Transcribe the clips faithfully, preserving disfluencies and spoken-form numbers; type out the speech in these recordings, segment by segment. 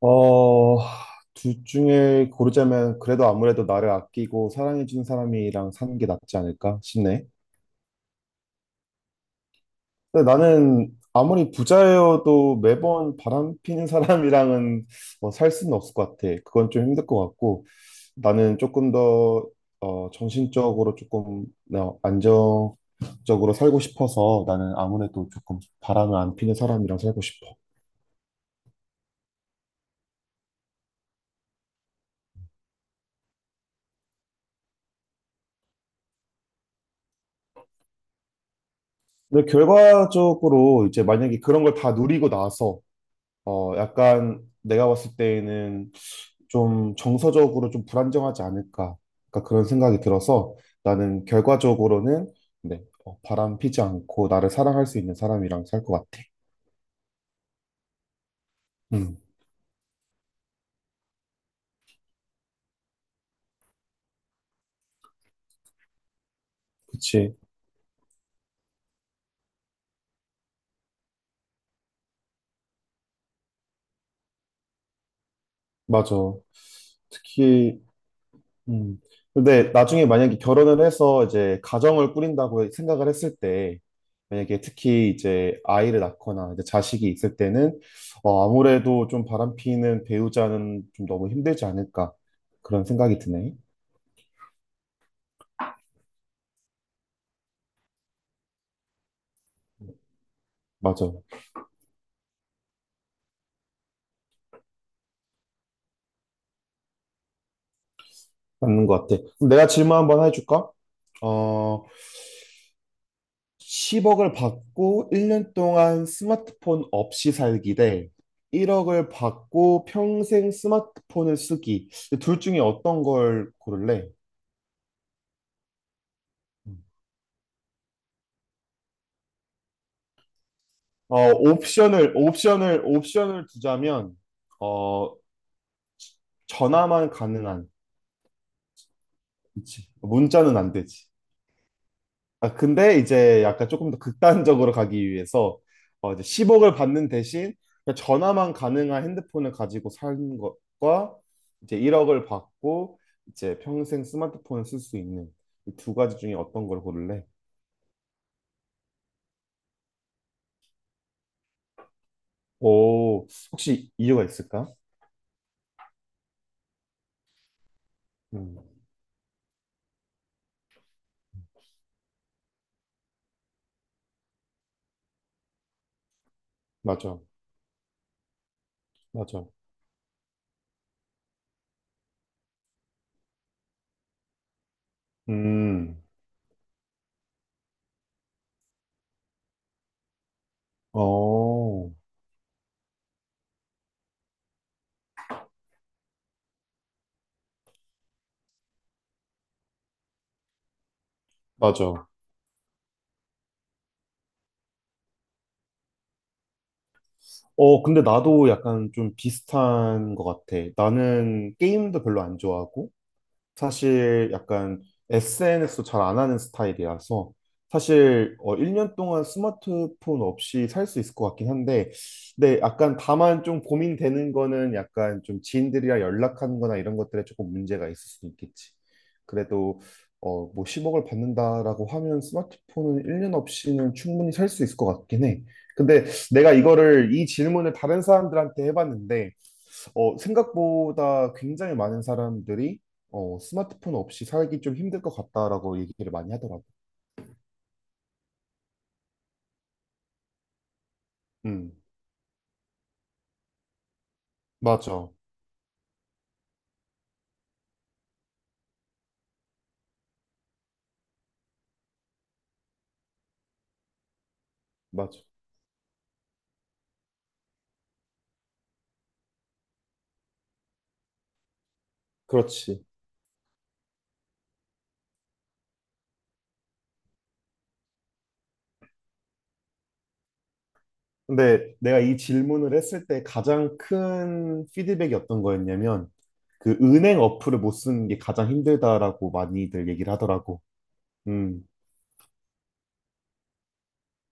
어, 둘 중에 고르자면 그래도 아무래도 나를 아끼고 사랑해주는 사람이랑 사는 게 낫지 않을까 싶네. 근데 나는 아무리 부자여도 매번 바람 피는 사람이랑은 어, 살 수는 없을 것 같아. 그건 좀 힘들 것 같고 나는 조금 더 어, 정신적으로 조금 어, 안정적으로 살고 싶어서 나는 아무래도 조금 바람을 안 피는 사람이랑 살고 싶어. 근데 결과적으로 이제 만약에 그런 걸 다 누리고 나서 어, 약간 내가 봤을 때에는 좀 정서적으로 좀 불안정하지 않을까. 그러니까 그런 생각이 들어서 나는 결과적으로는 네, 어, 바람 피지 않고 나를 사랑할 수 있는 사람이랑 살 것 같아. 음, 그치. 맞아. 특히 음. 근데 나중에 만약에 결혼을 해서 이제 가정을 꾸린다고 생각을 했을 때, 만약에 특히 이제 아이를 낳거나 이제 자식이 있을 때는 어, 아무래도 좀 바람피는 배우자는 좀 너무 힘들지 않을까 그런 생각이 드네. 맞아. 맞는 것 같아. 그럼 내가 질문 한번 해줄까? 어, 십억을 받고 일 년 동안 스마트폰 없이 살기 대 일억을 받고 평생 스마트폰을 쓰기. 둘 중에 어떤 걸 고를래? 어, 옵션을, 옵션을, 옵션을 두자면, 어, 전화만 가능한. 그치. 문자는 안 되지. 아, 근데 이제 약간 조금 더 극단적으로 가기 위해서, 어, 이제 십억을 받는 대신, 그냥 전화만 가능한 핸드폰을 가지고 사는 것과, 이제 일억을 받고, 이제 평생 스마트폰을 쓸 수 있는 이 두 가지 중에 어떤 걸 고를래? 오, 혹시 이유가 있을까? 음, 맞아, 맞아. 음, 어, 맞아. 어, 근데 나도 약간 좀 비슷한 것 같아. 나는 게임도 별로 안 좋아하고, 사실 약간 에스엔에스도 잘 안 하는 스타일이라서 사실 어, 일 년 동안 스마트폰 없이 살 수 있을 것 같긴 한데 네, 약간 다만 좀 고민되는 거는 약간 좀 지인들이랑 연락하는 거나 이런 것들에 조금 문제가 있을 수 있겠지. 그래도 어, 뭐 십억을 받는다라고 하면 스마트폰은 일 년 없이는 충분히 살 수 있을 것 같긴 해. 근데 내가 이거를 이 질문을 다른 사람들한테 해봤는데 어, 생각보다 굉장히 많은 사람들이 어, 스마트폰 없이 살기 좀 힘들 것 같다라고 얘기를 많이 하더라고. 음, 맞아, 맞아. 그렇지. 근데 내가 이 질문을 했을 때 가장 큰 피드백이 어떤 거였냐면 그 은행 어플을 못 쓰는 게 가장 힘들다라고 많이들 얘기를 하더라고. 음.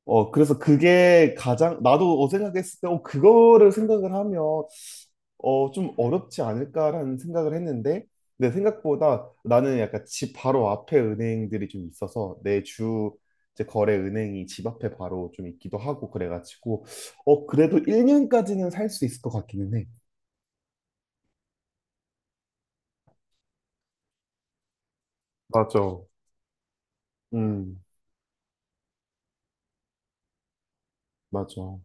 어, 그래서 그게 가장, 나도 어 생각했을 때, 어, 그거를 생각을 하면 어, 좀 어렵지 않을까라는 생각을 했는데, 근데 생각보다 나는 약간 집 바로 앞에 은행들이 좀 있어서 내 주 이제 거래 은행이 집 앞에 바로 좀 있기도 하고 그래가지고, 어, 그래도 일 년까지는 살 수 있을 것 같기는 해. 맞아. 음, 맞아.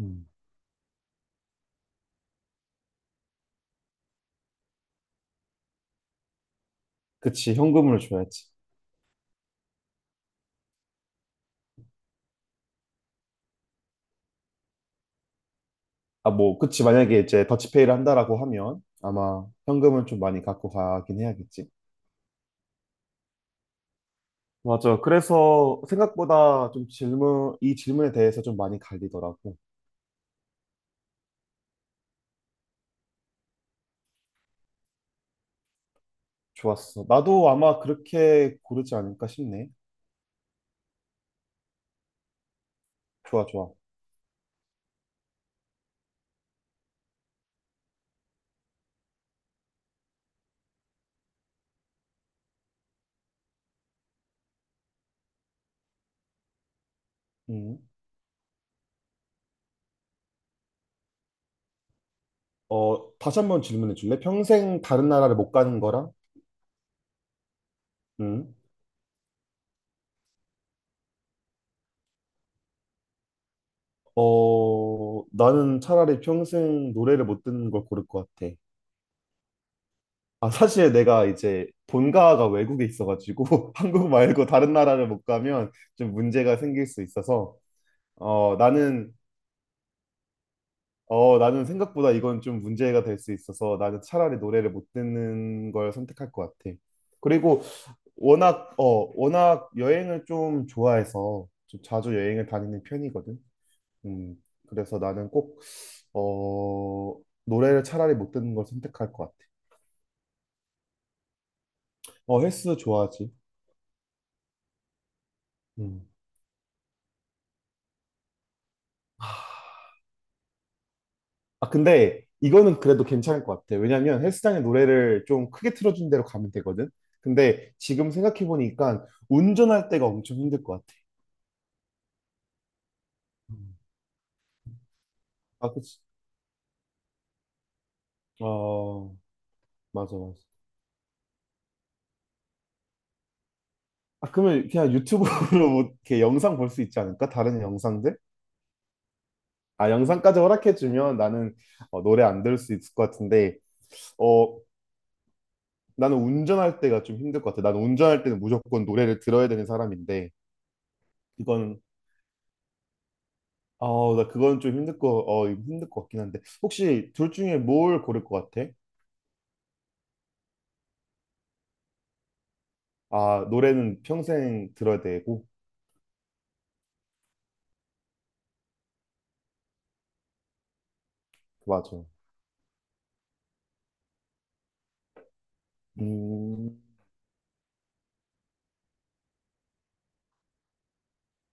음. 그치, 현금을 줘야지. 아, 뭐, 그치, 만약에 이제 더치페이를 한다라고 하면 아마 현금을 좀 많이 갖고 가긴 해야겠지. 맞아. 그래서 생각보다 좀 질문, 이 질문에 대해서 좀 많이 갈리더라고. 좋았어. 나도 아마 그렇게 고르지 않을까 싶네. 좋아, 좋아. 음. 어, 다시 한 번 질문해 줄래? 평생 다른 나라를 못 가는 거랑? 음. 어, 나는 차라리 평생 노래를 못 듣는 걸 고를 것 같아. 아, 사실 내가 이제 본가가 외국에 있어가지고 한국 말고 다른 나라를 못 가면 좀 문제가 생길 수 있어서 어, 나는 어, 나는 생각보다 이건 좀 문제가 될 수 있어서 나는 차라리 노래를 못 듣는 걸 선택할 것 같아. 그리고 워낙 어 워낙 여행을 좀 좋아해서 좀 자주 여행을 다니는 편이거든. 음 그래서 나는 꼭어 노래를 차라리 못 듣는 걸 선택할 것 같아. 어 헬스 좋아하지. 음. 아 근데 이거는 그래도 괜찮을 것 같아. 왜냐면 헬스장에 노래를 좀 크게 틀어준 대로 가면 되거든. 근데 지금 생각해 보니까 운전할 때가 엄청 힘들 것 같아. 음. 아 그치. 어 맞아 맞아. 아, 그러면 그냥 유튜브로 뭐 이렇게 영상 볼 수 있지 않을까? 다른 영상들? 아, 영상까지 허락해주면 나는 어, 노래 안 들을 수 있을 것 같은데, 어, 나는 운전할 때가 좀 힘들 것 같아. 나는 운전할 때는 무조건 노래를 들어야 되는 사람인데, 이건, 어, 나 그건 좀 힘들 거, 어, 힘들 것 같긴 한데, 혹시 둘 중에 뭘 고를 것 같아? 아, 노래는 평생 들어야 되고, 맞아. 음,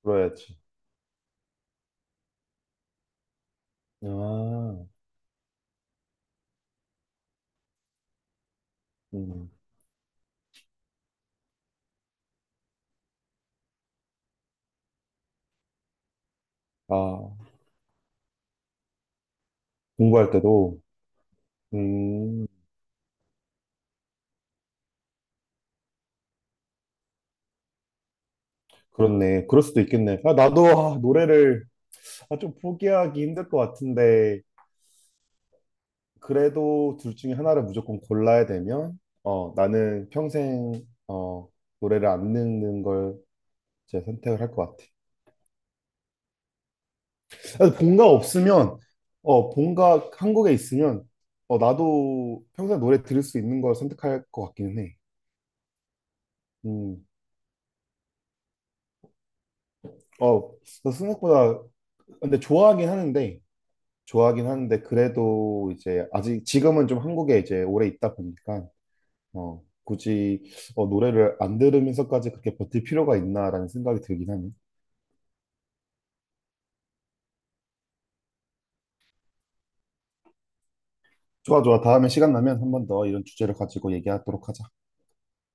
들어야지. 아, 음, 아, 공부할 때도, 음. 그렇네. 그럴 수도 있겠네. 아, 나도 아, 노래를 아, 좀 포기하기 힘들 것 같은데, 그래도 둘 중에 하나를 무조건 골라야 되면, 어, 나는 평생, 어, 노래를 안 듣는 걸제제 선택을 할 것 같아. 아, 본가 없으면, 어, 본가 한국에 있으면, 어, 나도 평생 노래 들을 수 있는 걸 선택할 것 같기는 해. 음, 어, 저 생각보다, 근데 좋아하긴 하는데, 좋아하긴 하는데 그래도 이제 아직 지금은 좀 한국에 이제 오래 있다 보니까 어, 굳이 어, 노래를 안 들으면서까지 그렇게 버틸 필요가 있나라는 생각이 들긴 하네. 좋아, 좋아. 다음에 시간 나면 한 번 더 이런 주제를 가지고 얘기하도록 하자.